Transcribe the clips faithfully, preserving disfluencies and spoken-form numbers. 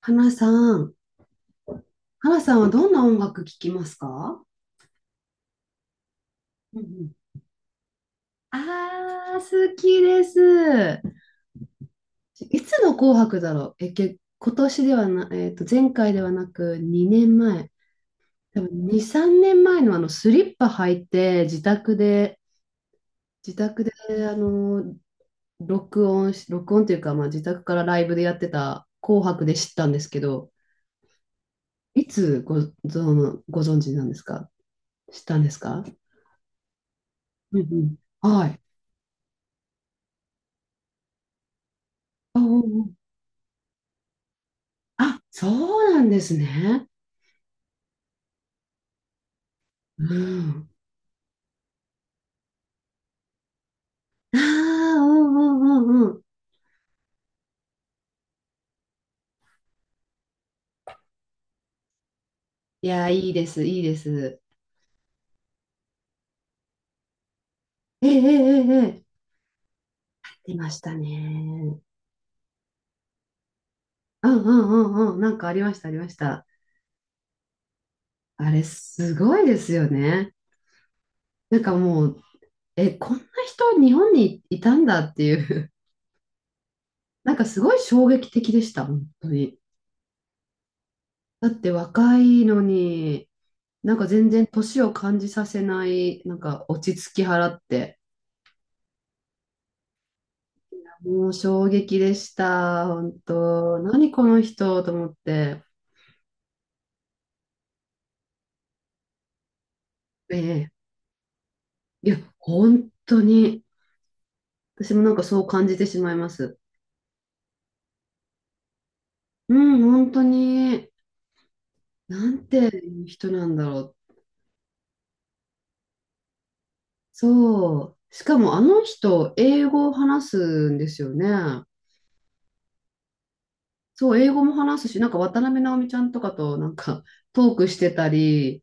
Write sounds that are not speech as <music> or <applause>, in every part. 花さん、花さんはどんな音楽聴きますか？うんうん。ああ、好きです。いつの紅白だろう。え、け、今年ではな、えっと、前回ではなくにねんまえ。多分に、さんねんまえのあのスリッパ履いて自宅で、自宅であの、録音し、録音というか、まあ、自宅からライブでやってた紅白で知ったんですけど、いつご、ぞご存知なんですか？知ったんですか？うんうん。はい。あ、おうおう。あ、そうなんですね。うん。ああ、うんうんうんうん。いや、いいです、いいです。ええええええ。出ましたね。うんうんうんうん。なんかありました、ありました。あれ、すごいですよね。なんかもう、え、こんな人、日本にいたんだっていう、<laughs> なんかすごい衝撃的でした、本当に。だって若いのに、なんか全然年を感じさせない、なんか落ち着き払って。もう衝撃でした。本当。何この人と思って。ええ。いや、本当に。私もなんかそう感じてしまいます。うん、本当に。なんていう人なんだろう。そう。しかもあの人、英語を話すんですよね。そう、英語も話すし、なんか渡辺直美ちゃんとかとなんかトークしてたり、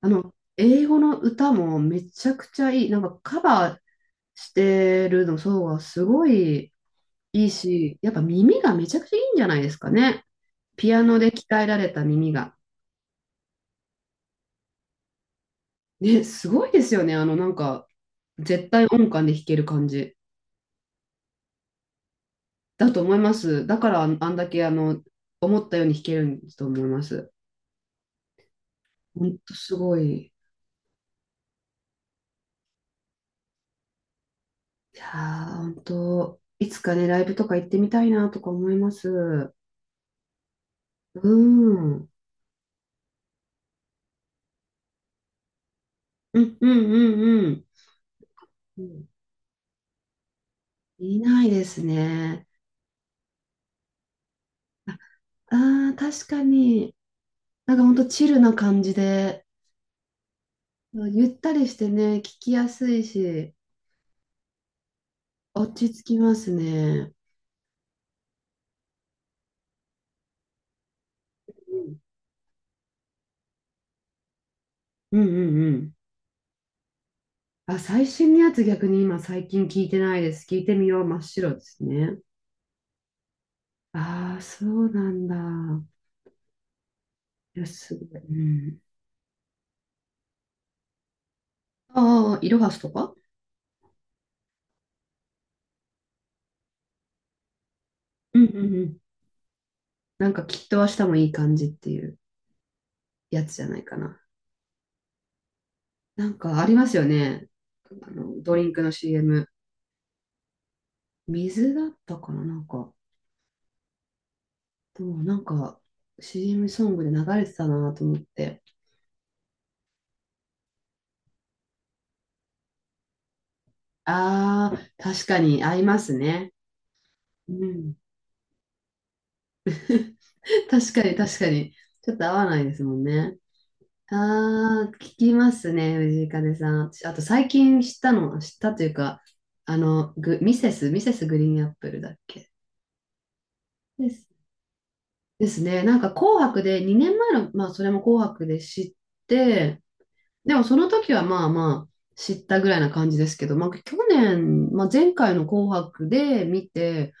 あの、英語の歌もめちゃくちゃいい。なんかカバーしてるの、そうがすごい。いいし、やっぱ耳がめちゃくちゃいいんじゃないですかね。ピアノで鍛えられた耳が。ね、すごいですよね。あの、なんか、絶対音感で弾ける感じだと思います。だから、あんあんだけ、あの、思ったように弾けるんだと思います。ほんとすごい。いやー、ほんと、いつかね、ライブとか行ってみたいなとか思います。うーん。うんうんうんうん。うん、いないですね。ああー、確かに。なんかほんとチルな感じで。ゆったりしてね、聞きやすいし、落ち着きますね。うんうんうんうん。あ、最新のやつ逆に今最近聞いてないです。聞いてみよう。真っ白ですね。ああ、そうなんだ。いや、すごい。うん。ああ、イロハスとか。うんうんうん。なんかきっと明日もいい感じっていうやつじゃないかな。なんかありますよね。あの、ドリンクの シーエム。水だったかななんか。でもなんか シーエム ソングで流れてたなと思って。ああ、確かに合いますね。うん。<laughs> 確かに確かに。ちょっと合わないですもんね。ああ、聞きますね、藤井風さん。私あと最近知ったの、知ったというか、あの、グ、ミセス、ミセスグリーンアップルだっけ？です。ですね。なんか紅白で、にねんまえの、まあそれも紅白で知って、でもその時はまあまあ知ったぐらいな感じですけど、まあ去年、まあ前回の紅白で見て、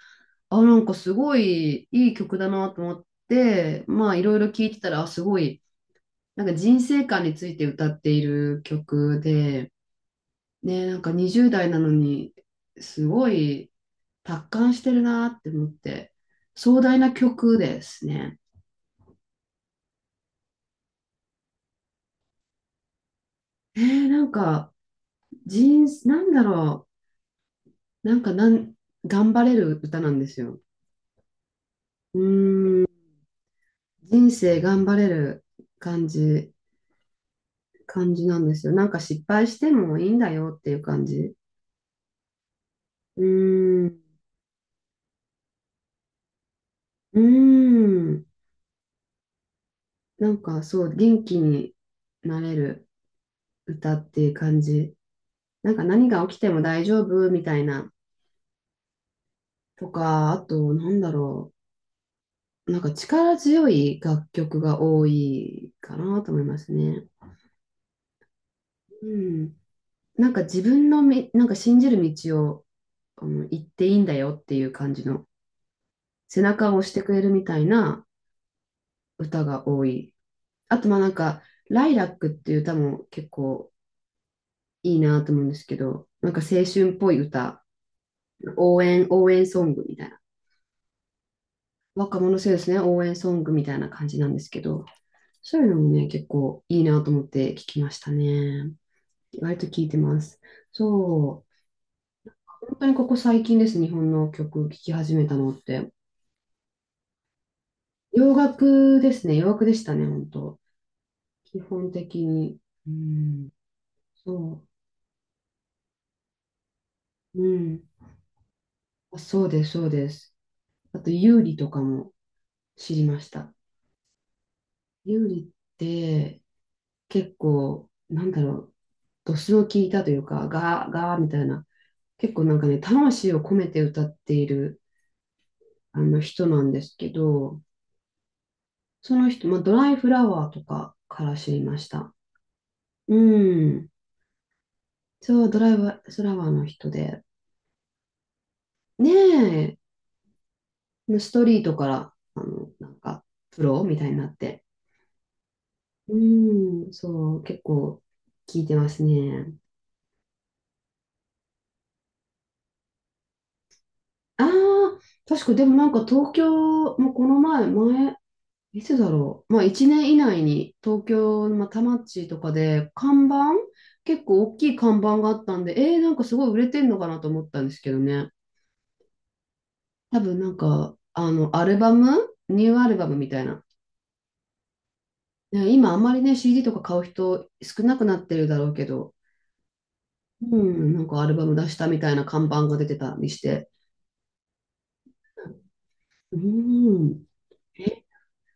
あ、なんかすごいいい曲だなと思って、まあいろいろ聞いてたら、あすごい、なんか人生観について歌っている曲で、ね、なんかにじゅう代なのに、すごい達観してるなって思って、壮大な曲ですね。えー、なんか人、なんだろう、なんかなん、頑張れる歌なんですよ。うーん、人生頑張れる感じ、感じなんですよ。なんか失敗してもいいんだよっていう感じ。うーん、うーん。なんかそう、元気になれる歌っていう感じ。なんか何が起きても大丈夫みたいな。とか、あと、なんだろう。なんか力強い楽曲が多いかなと思いますね。うん。なんか自分のみ、なんか信じる道を、あの、行っていいんだよっていう感じの背中を押してくれるみたいな歌が多い。あと、まあなんか、ライラックっていう歌も結構いいなと思うんですけど、なんか青春っぽい歌、応援、応援ソングみたいな。若者世代ですね、応援ソングみたいな感じなんですけど、そういうのもね、結構いいなと思って聞きましたね。割と聞いてます。そう。本当にここ最近ですね、日本の曲聴き始めたのって。洋楽ですね、洋楽でしたね、本当。基本的に。うん、そう。うん。あそうです、そうです。あと、有利とかも知りました。料リって結構、なんだろう、ドスの効いたというか、ガー、ガーみたいな、結構なんかね、魂を込めて歌っているあの人なんですけど、その人、まあ、ドライフラワーとかから知りました。うん。そう、ドライフラワーの人で。ねえ、ストリートから、あの、なんか、プロみたいになって。うん、そう、結構聞いてますね。ああ、確かでもなんか東京、もうこの前、前、いつだろう。まあいちねん以内に東京、まあ、田町とかで看板、結構大きい看板があったんで、えー、なんかすごい売れてんのかなと思ったんですけどね。多分なんか、あの、アルバムニューアルバムみたいな。ね今あんまりね、シーディー とか買う人少なくなってるだろうけど、うん、なんかアルバム出したみたいな看板が出てたりして。うん。え、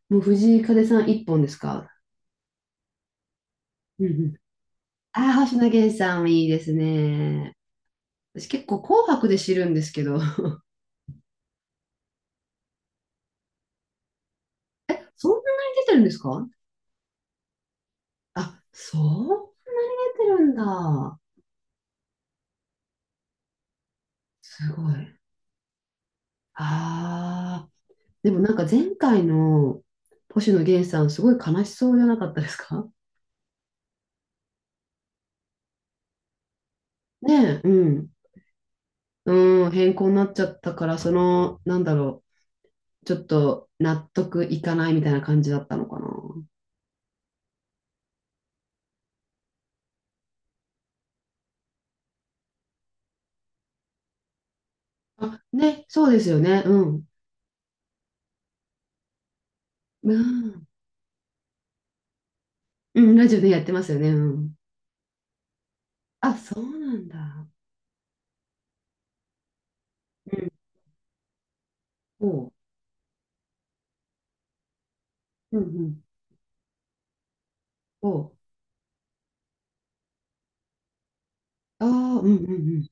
もう藤井風さん一本ですか？うん。ああ、星野源さんいいですね。私結構紅白で知るんですけど。<laughs> え、そんなに出てるんですか？あ、そう、出てるんだ。すごい。ああ、でもなんか前回の星野源さんすごい悲しそうじゃなかったですか？ <laughs> ねえ、うん。うん、変更になっちゃったから、その、なんだろう、ちょっと納得いかないみたいな感じだったのかな。あ、ね、そうですよね。うん。うん、うん、ラジオでやってますよね。うん。あ、そうなんだ。うん。おう。うんうん。おう。ああ、うんうんうん。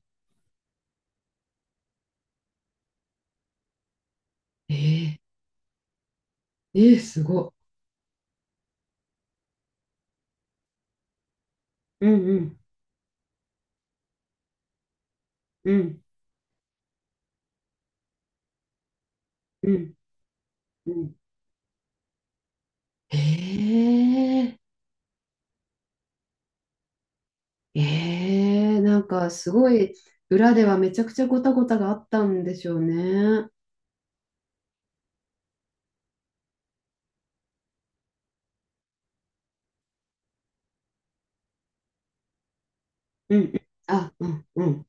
えー、えー、すごい。うんうんうんうんうん。えー、えー、なんかすごい、裏ではめちゃくちゃごたごたがあったんでしょうね。うんうん。あ、うんうん。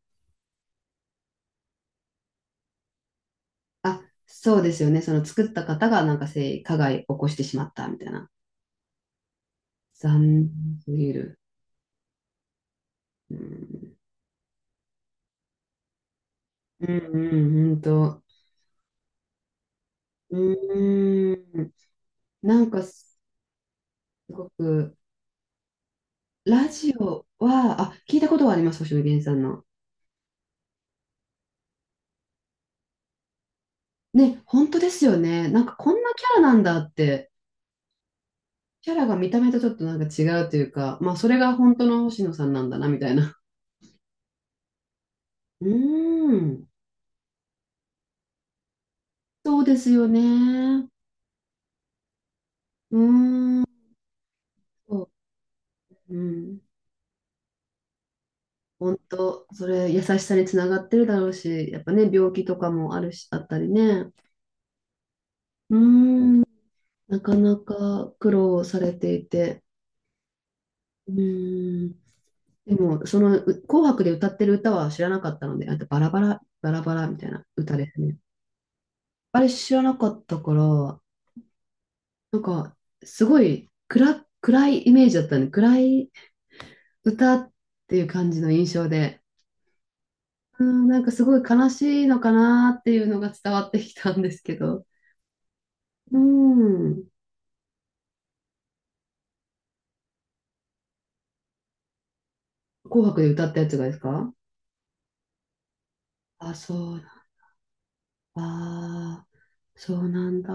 あ、そうですよね。その作った方がなんか性加害起こしてしまったみたいな。残念すぎる。うん、うんうん、ほんと。うーん。なんかすごく、ラジオは、あ、聞いたことはあります、星野源さんの。ね、本当ですよね。なんかこんなキャラなんだって、キャラが見た目とちょっとなんか違うというか、まあそれが本当の星野さんなんだな、みたいな。<laughs> うーん、そうですよね。うーん、そう、うん。本当、それ優しさにつながってるだろうし、やっぱね、病気とかもあるし、あったりね。うーん、なかなか苦労されていて。うーん。でも、その、う紅白で歌ってる歌は知らなかったので、あとバラバラ、バラバラみたいな歌ですね。あれ知らなかったから、なんか、すごい暗、暗いイメージだったね。暗い歌っていう感じの印象で、うん、なんかすごい悲しいのかなっていうのが伝わってきたんですけど、うん、紅白で歌ったやつがですか？あ、そう、ああ、そうなんだ。